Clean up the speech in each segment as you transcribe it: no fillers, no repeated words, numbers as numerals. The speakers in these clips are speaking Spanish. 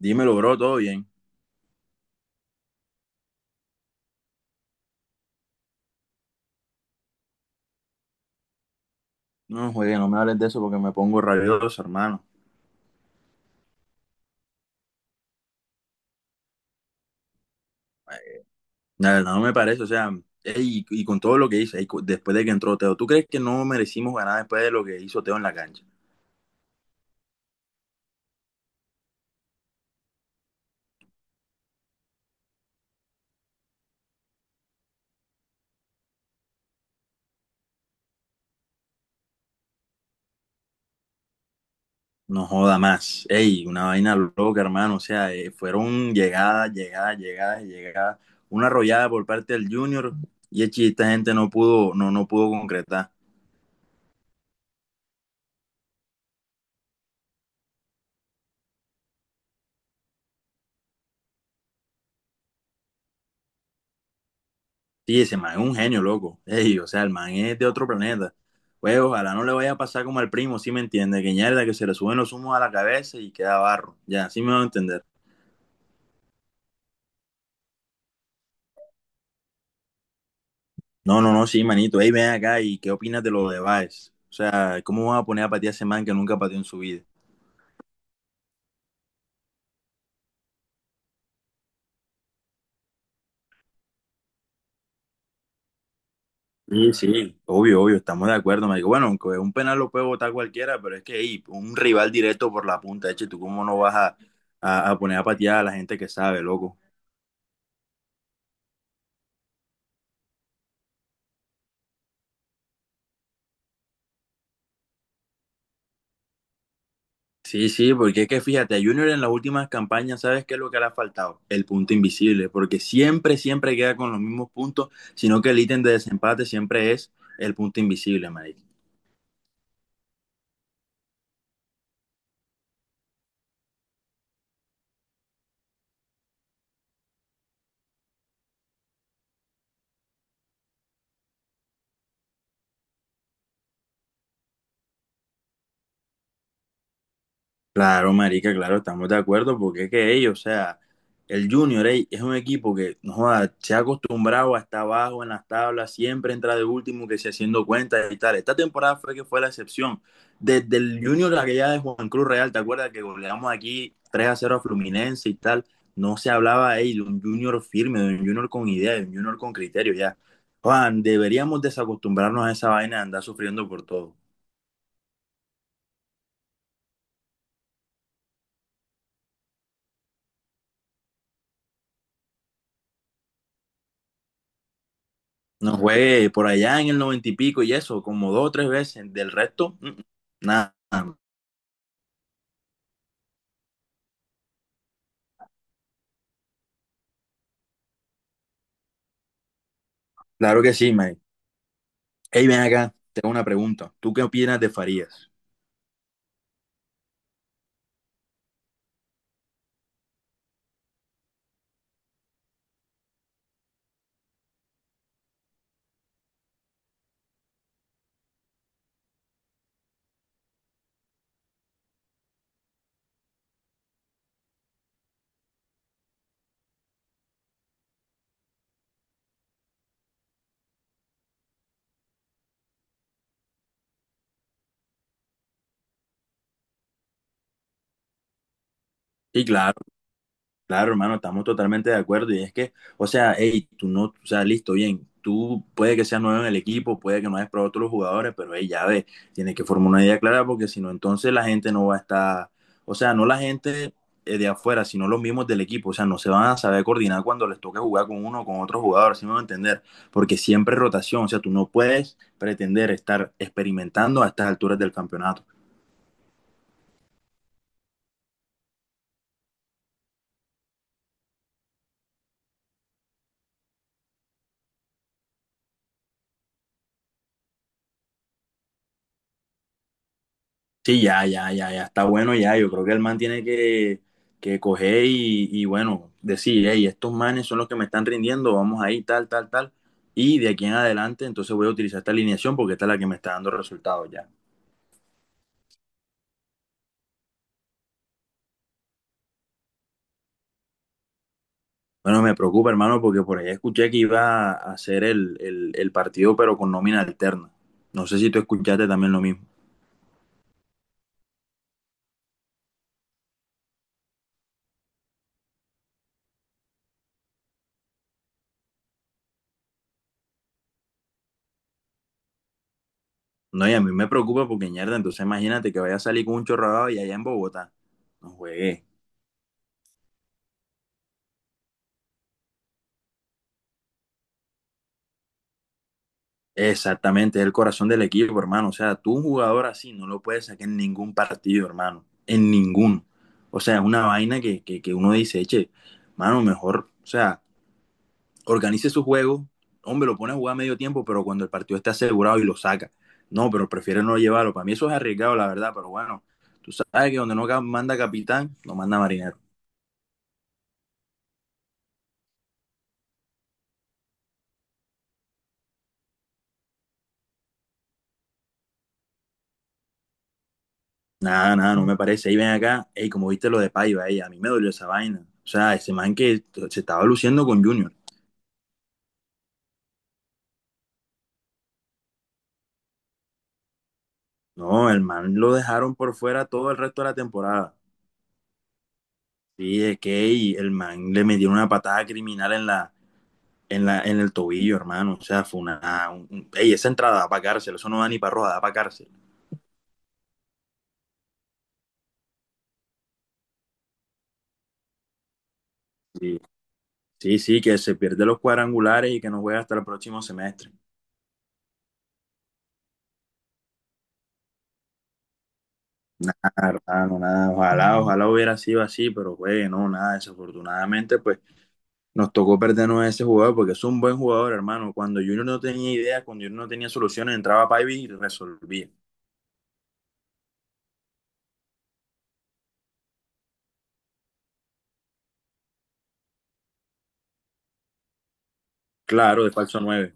Dímelo, bro, todo bien. No, juegue, no me hables de eso porque me pongo rabioso, hermano. Nada, no me parece, o sea, ey, y con todo lo que hice, ey, después de que entró Teo, ¿tú crees que no merecimos ganar después de lo que hizo Teo en la cancha? No joda más. Ey, una vaina loca, hermano. O sea, fueron llegadas, llegadas, llegadas, y llegadas. Una arrollada por parte del Junior y echi, esta gente no pudo concretar. Sí, ese man es un genio, loco. Ey, o sea, el man es de otro planeta. Pues ojalá no le vaya a pasar como al primo, ¿sí me entiende? Que ñerda, que se le suben los humos a la cabeza y queda barro. Ya, sí me va a entender. No, no, no, sí, manito. Ey, ven acá y ¿qué opinas de lo de Baez? O sea, ¿cómo van a poner a patear a ese man que nunca pateó en su vida? Sí, sí, obvio, obvio, estamos de acuerdo, marico. Bueno, aunque un penal lo puede botar cualquiera, pero es que ey, un rival directo por la punta, eche, ¿tú cómo no vas a poner a patear a la gente que sabe, loco? Sí, sí, porque es que fíjate, a Junior en las últimas campañas, ¿sabes qué es lo que le ha faltado? El punto invisible, porque siempre, siempre queda con los mismos puntos, sino que el ítem de desempate siempre es el punto invisible, marica. Claro, marica, claro, estamos de acuerdo, porque es que ellos, o sea, el Junior ey, es un equipo que no joda, se ha acostumbrado a estar abajo en las tablas, siempre entra de último, que se haciendo cuentas y tal. Esta temporada fue que fue la excepción. Desde el Junior, la que ya de Juan Cruz Real, ¿te acuerdas que goleamos aquí 3-0 a Fluminense y tal? No se hablaba ey, de un Junior firme, de un Junior con idea, de un Junior con criterio, ya. Juan, deberíamos desacostumbrarnos a esa vaina de andar sufriendo por todo. No juegue por allá en el noventa y pico y eso, como dos o tres veces. Del resto, nada. Claro que sí, man. Hey, ven acá, tengo una pregunta. ¿Tú qué opinas de Farías? Y claro. Claro, hermano, estamos totalmente de acuerdo. Y es que, o sea, hey, tú no, o sea, listo, bien. Tú puede que seas nuevo en el equipo, puede que no hayas probado a todos los jugadores, pero hey, ya ves, tienes que formar una idea clara porque si no, entonces la gente no va a estar, o sea, no la gente de afuera, sino los mismos del equipo. O sea, no se van a saber coordinar cuando les toque jugar con uno o con otro jugador, ¿si me van a entender? Porque siempre es rotación, o sea, tú no puedes pretender estar experimentando a estas alturas del campeonato. Sí, ya, ya, ya, ya está bueno ya. Yo creo que el man tiene que coger bueno, decir, hey, estos manes son los que me están rindiendo, vamos ahí, tal, tal, tal. Y de aquí en adelante, entonces voy a utilizar esta alineación porque esta es la que me está dando resultados ya. Bueno, me preocupa, hermano, porque por ahí escuché que iba a hacer el partido, pero con nómina alterna. No sé si tú escuchaste también lo mismo. No, y a mí me preocupa porque, mierda, entonces imagínate que vaya a salir con un chorradado y allá en Bogotá. No juegues. Exactamente, es el corazón del equipo, hermano. O sea, tú un jugador así no lo puedes sacar en ningún partido, hermano. En ninguno. O sea, es una vaina que uno dice, eche, mano, mejor, o sea, organice su juego. Hombre, lo pone a jugar a medio tiempo, pero cuando el partido está asegurado y lo saca. No, pero prefiere no llevarlo. Para mí eso es arriesgado, la verdad, pero bueno, tú sabes que donde no manda capitán, no manda marinero. Nada, nada, no me parece. Ahí ven acá, ey, como viste lo de Paiva, ey, a mí me dolió esa vaina. O sea, ese man que se estaba luciendo con Junior. No, el man lo dejaron por fuera todo el resto de la temporada. Sí, es que y el man le metió una patada criminal en en el tobillo, hermano. O sea, fue ey, esa entrada da para cárcel, eso no da ni para roja, da para cárcel. Sí, sí, sí, que se pierde los cuadrangulares y que no juega hasta el próximo semestre. Ah, hermano, nada, ojalá, ojalá hubiera sido así, pero juegue, no, nada, desafortunadamente, pues nos tocó perdernos a ese jugador porque es un buen jugador, hermano. Cuando Junior no tenía ideas, cuando Junior no tenía soluciones, entraba Paiva y resolvía. Claro, de falso nueve.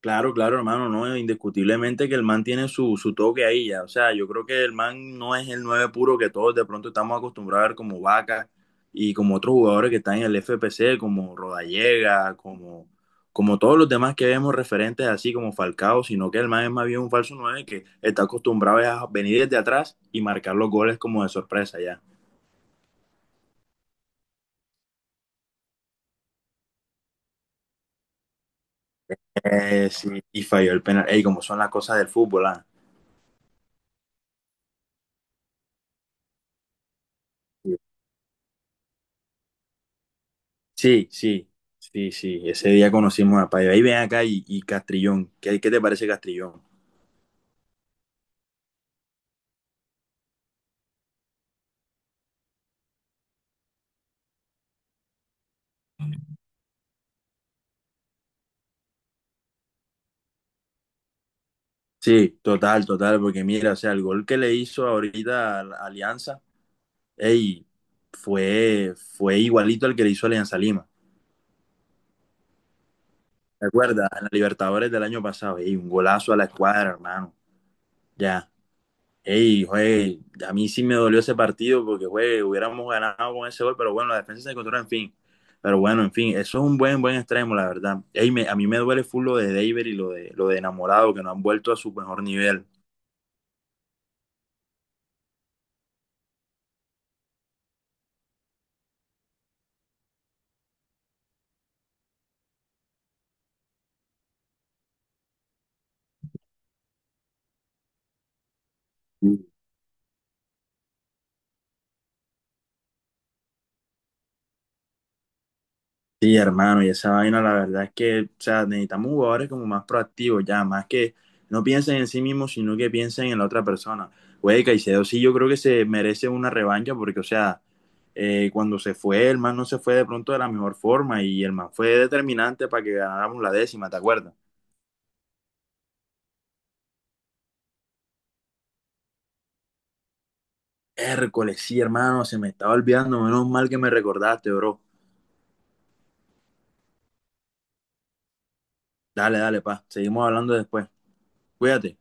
Claro, claro, hermano, no, indiscutiblemente que el man tiene su, su toque ahí ya. O sea, yo creo que el man no es el nueve puro que todos de pronto estamos acostumbrados a ver como Vaca y como otros jugadores que están en el FPC, como Rodallega, como, como todos los demás que vemos referentes así como Falcao, sino que el man es más bien un falso nueve que está acostumbrado a venir desde atrás y marcar los goles como de sorpresa ya. Sí, y falló el penal. Ey, como son las cosas del fútbol, ah. Sí, sí, sí, sí. Ese día conocimos a Paiva. Ahí ven acá y Castrillón. ¿Qué, qué te parece Castrillón? Sí, total, total, porque mira, o sea, el gol que le hizo ahorita a la Alianza, ey, fue, fue igualito al que le hizo Alianza Lima. ¿Te acuerdas? En la Libertadores del año pasado, ey, un golazo a la escuadra, hermano. Ya. Ey, güey, a mí sí me dolió ese partido porque, güey, hubiéramos ganado con ese gol, pero bueno, la defensa se encontró, en fin. Pero bueno, en fin, eso es un buen, buen extremo, la verdad. Ey, a mí me duele full lo de David y lo de Enamorado, que no han vuelto a su mejor nivel. Sí, hermano, y esa vaina, la verdad es que, o sea, necesitamos jugadores como más proactivos, ya, más que no piensen en sí mismos, sino que piensen en la otra persona. Güey, Caicedo sí, yo creo que se merece una revancha, porque, o sea, cuando se fue, el man no se fue de pronto de la mejor forma, y el man fue determinante para que ganáramos la décima, ¿te acuerdas? Hércules, sí, hermano, se me estaba olvidando, menos mal que me recordaste, bro. Dale, dale, pa, seguimos hablando después. Cuídate.